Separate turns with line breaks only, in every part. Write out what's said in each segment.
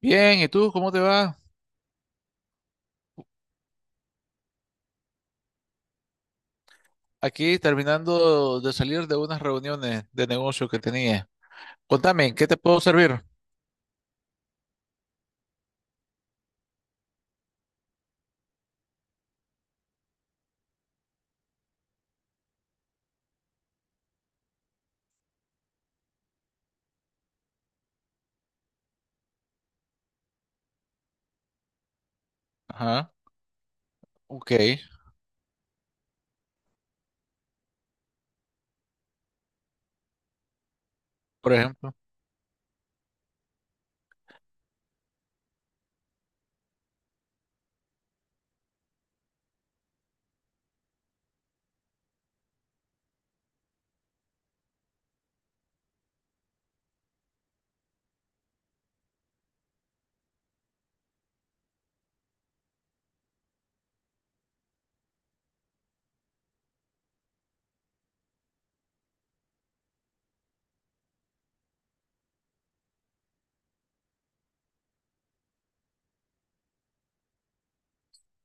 Bien, ¿y tú cómo te va? Aquí terminando de salir de unas reuniones de negocio que tenía. Contame, ¿en ¿qué te puedo servir? Ajá, ok, por ejemplo.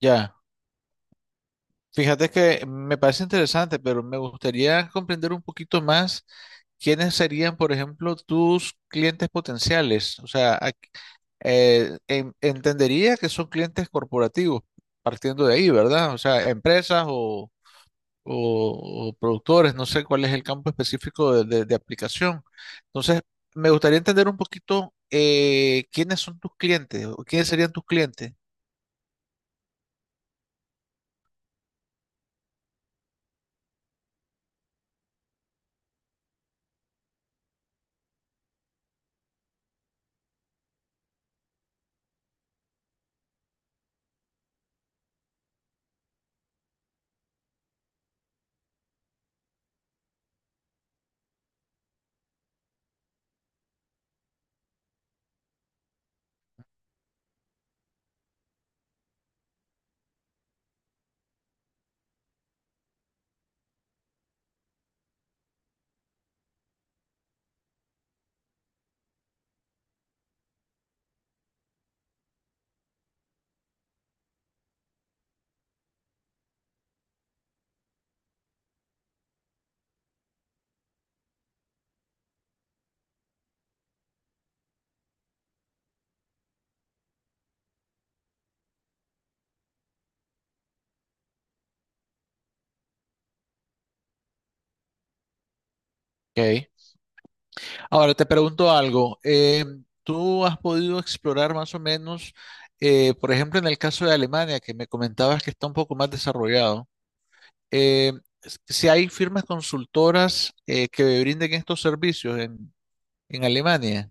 Ya, fíjate que me parece interesante, pero me gustaría comprender un poquito más quiénes serían, por ejemplo, tus clientes potenciales. O sea, entendería que son clientes corporativos, partiendo de ahí, ¿verdad? O sea, empresas o, productores, no sé cuál es el campo específico de aplicación. Entonces, me gustaría entender un poquito quiénes son tus clientes o quiénes serían tus clientes. Ok. Ahora te pregunto algo. ¿Tú has podido explorar más o menos, por ejemplo, en el caso de Alemania, que me comentabas que está un poco más desarrollado, eh, si hay firmas consultoras que brinden estos servicios en Alemania?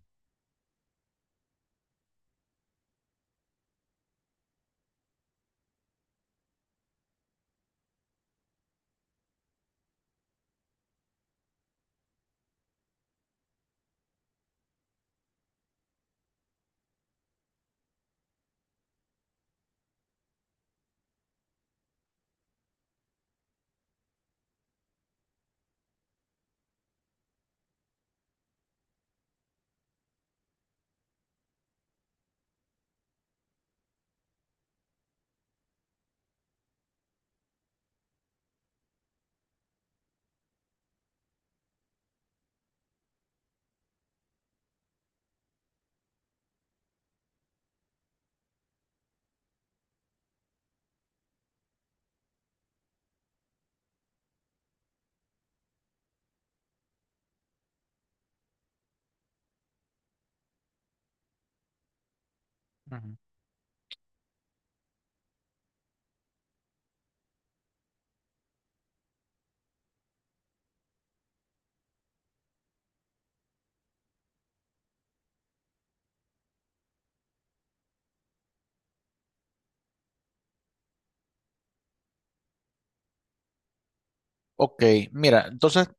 Ok, mira, entonces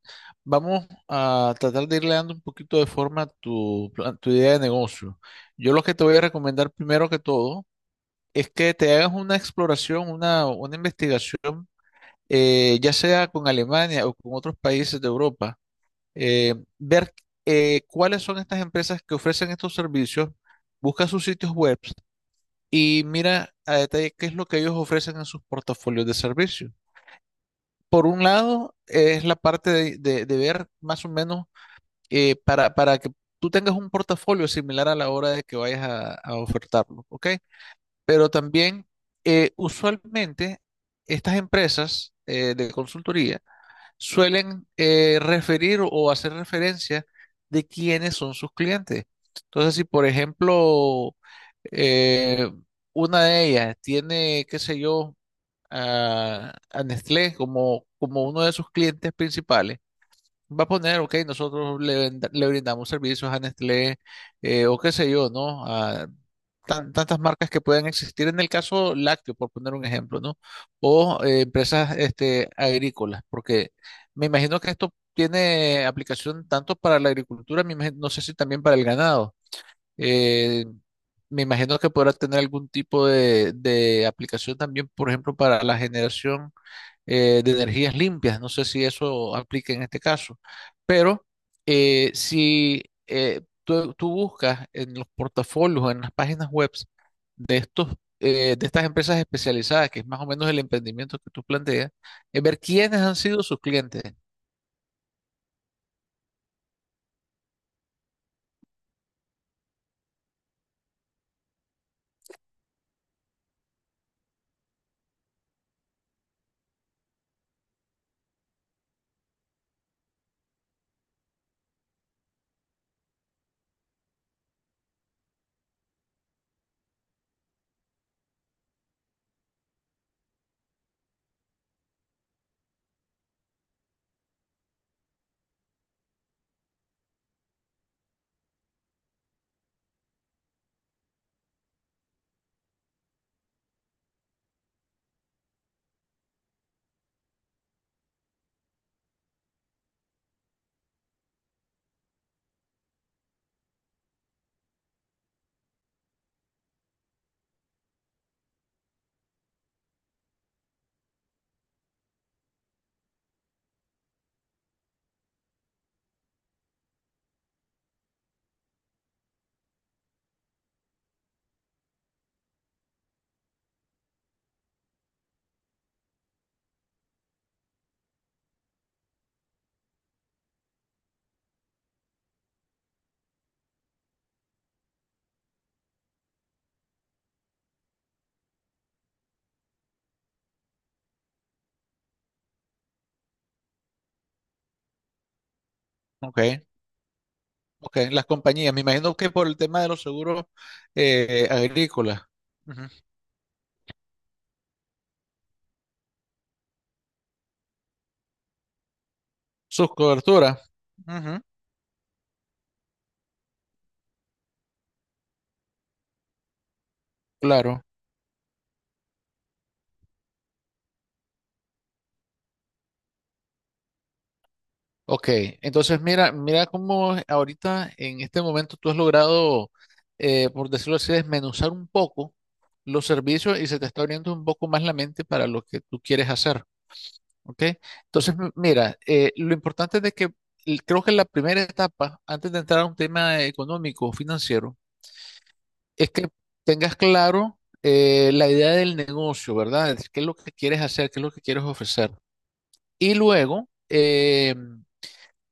vamos a tratar de irle dando un poquito de forma a tu, tu idea de negocio. Yo lo que te voy a recomendar primero que todo es que te hagas una exploración, una investigación, ya sea con Alemania o con otros países de Europa, ver cuáles son estas empresas que ofrecen estos servicios, busca sus sitios web y mira a detalle qué es lo que ellos ofrecen en sus portafolios de servicios por un lado, es la parte de ver más o menos para que tú tengas un portafolio similar a la hora de que vayas a ofertarlo, ¿ok? Pero también, usualmente, estas empresas de consultoría suelen referir o hacer referencia de quiénes son sus clientes. Entonces, si por ejemplo, eh, una de ellas tiene, qué sé yo, a Nestlé como, como uno de sus clientes principales. Va a poner, ok, nosotros le, le brindamos servicios a Nestlé o qué sé yo, ¿no? A tantas marcas que pueden existir en el caso lácteo, por poner un ejemplo, ¿no? O empresas este, agrícolas, porque me imagino que esto tiene aplicación tanto para la agricultura, no sé si también para el ganado. Eh, Me imagino que podrá tener algún tipo de aplicación también, por ejemplo, para la generación de energías limpias. No sé si eso aplica en este caso, pero si tú, tú buscas en los portafolios, en las páginas web de estos, de estas empresas especializadas, que es más o menos el emprendimiento que tú planteas, es ver quiénes han sido sus clientes. Ok, ok, las compañías. Me imagino que por el tema de los seguros agrícolas. Sus coberturas. Ujú, claro. Ok. Entonces, mira, mira cómo ahorita, en este momento, tú has logrado, por decirlo así, desmenuzar un poco los servicios y se te está abriendo un poco más la mente para lo que tú quieres hacer. Ok. Entonces, mira, lo importante es de que creo que la primera etapa, antes de entrar a un tema económico o financiero, es que tengas claro la idea del negocio, ¿verdad? Es ¿qué es lo que quieres hacer? ¿Qué es lo que quieres ofrecer? Y luego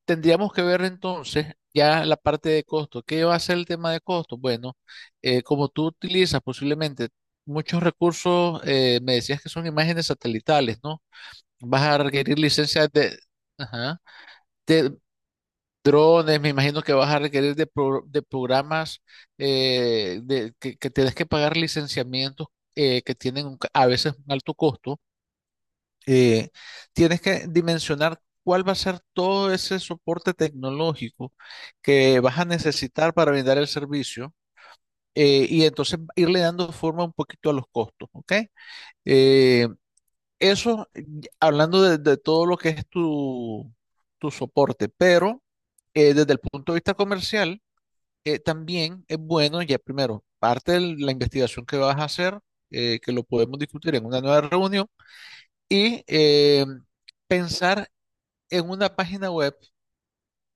tendríamos que ver entonces ya la parte de costo. ¿Qué va a ser el tema de costo? Bueno, como tú utilizas posiblemente muchos recursos, me decías que son imágenes satelitales, ¿no? Vas a requerir licencias de, ajá, de drones, me imagino que vas a requerir de, de programas de, que tienes que pagar licenciamientos que tienen un a veces un alto costo eh, tienes que dimensionar cuál va a ser todo ese soporte tecnológico que vas a necesitar para brindar el servicio y entonces irle dando forma un poquito a los costos, ¿ok? Eh, eso, hablando de todo lo que es tu, tu soporte, pero desde el punto de vista comercial, también es bueno, ya primero, parte de la investigación que vas a hacer, que lo podemos discutir en una nueva reunión, y pensar en una página web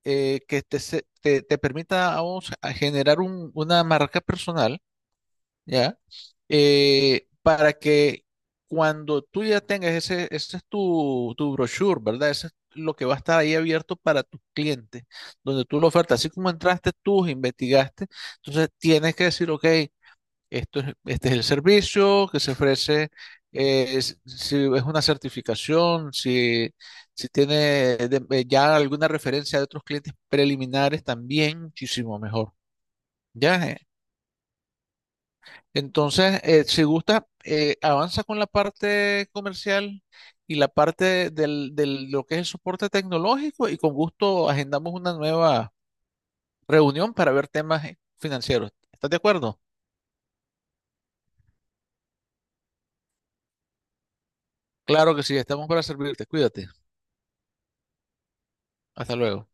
que te, te, te permita a vos a generar una marca personal, ¿ya? Para que cuando tú ya tengas ese, ese es tu, tu brochure, ¿verdad? Ese es lo que va a estar ahí abierto para tus clientes, donde tú lo ofertas. Así como entraste tú, investigaste, entonces tienes que decir, ok. Este es el servicio que se ofrece, si es una certificación, si, si tiene ya alguna referencia de otros clientes preliminares, también muchísimo mejor. ¿Ya? Entonces, si gusta, avanza con la parte comercial y la parte lo que es el soporte tecnológico y con gusto agendamos una nueva reunión para ver temas financieros. ¿Estás de acuerdo? Claro que sí, estamos para servirte. Cuídate. Hasta luego.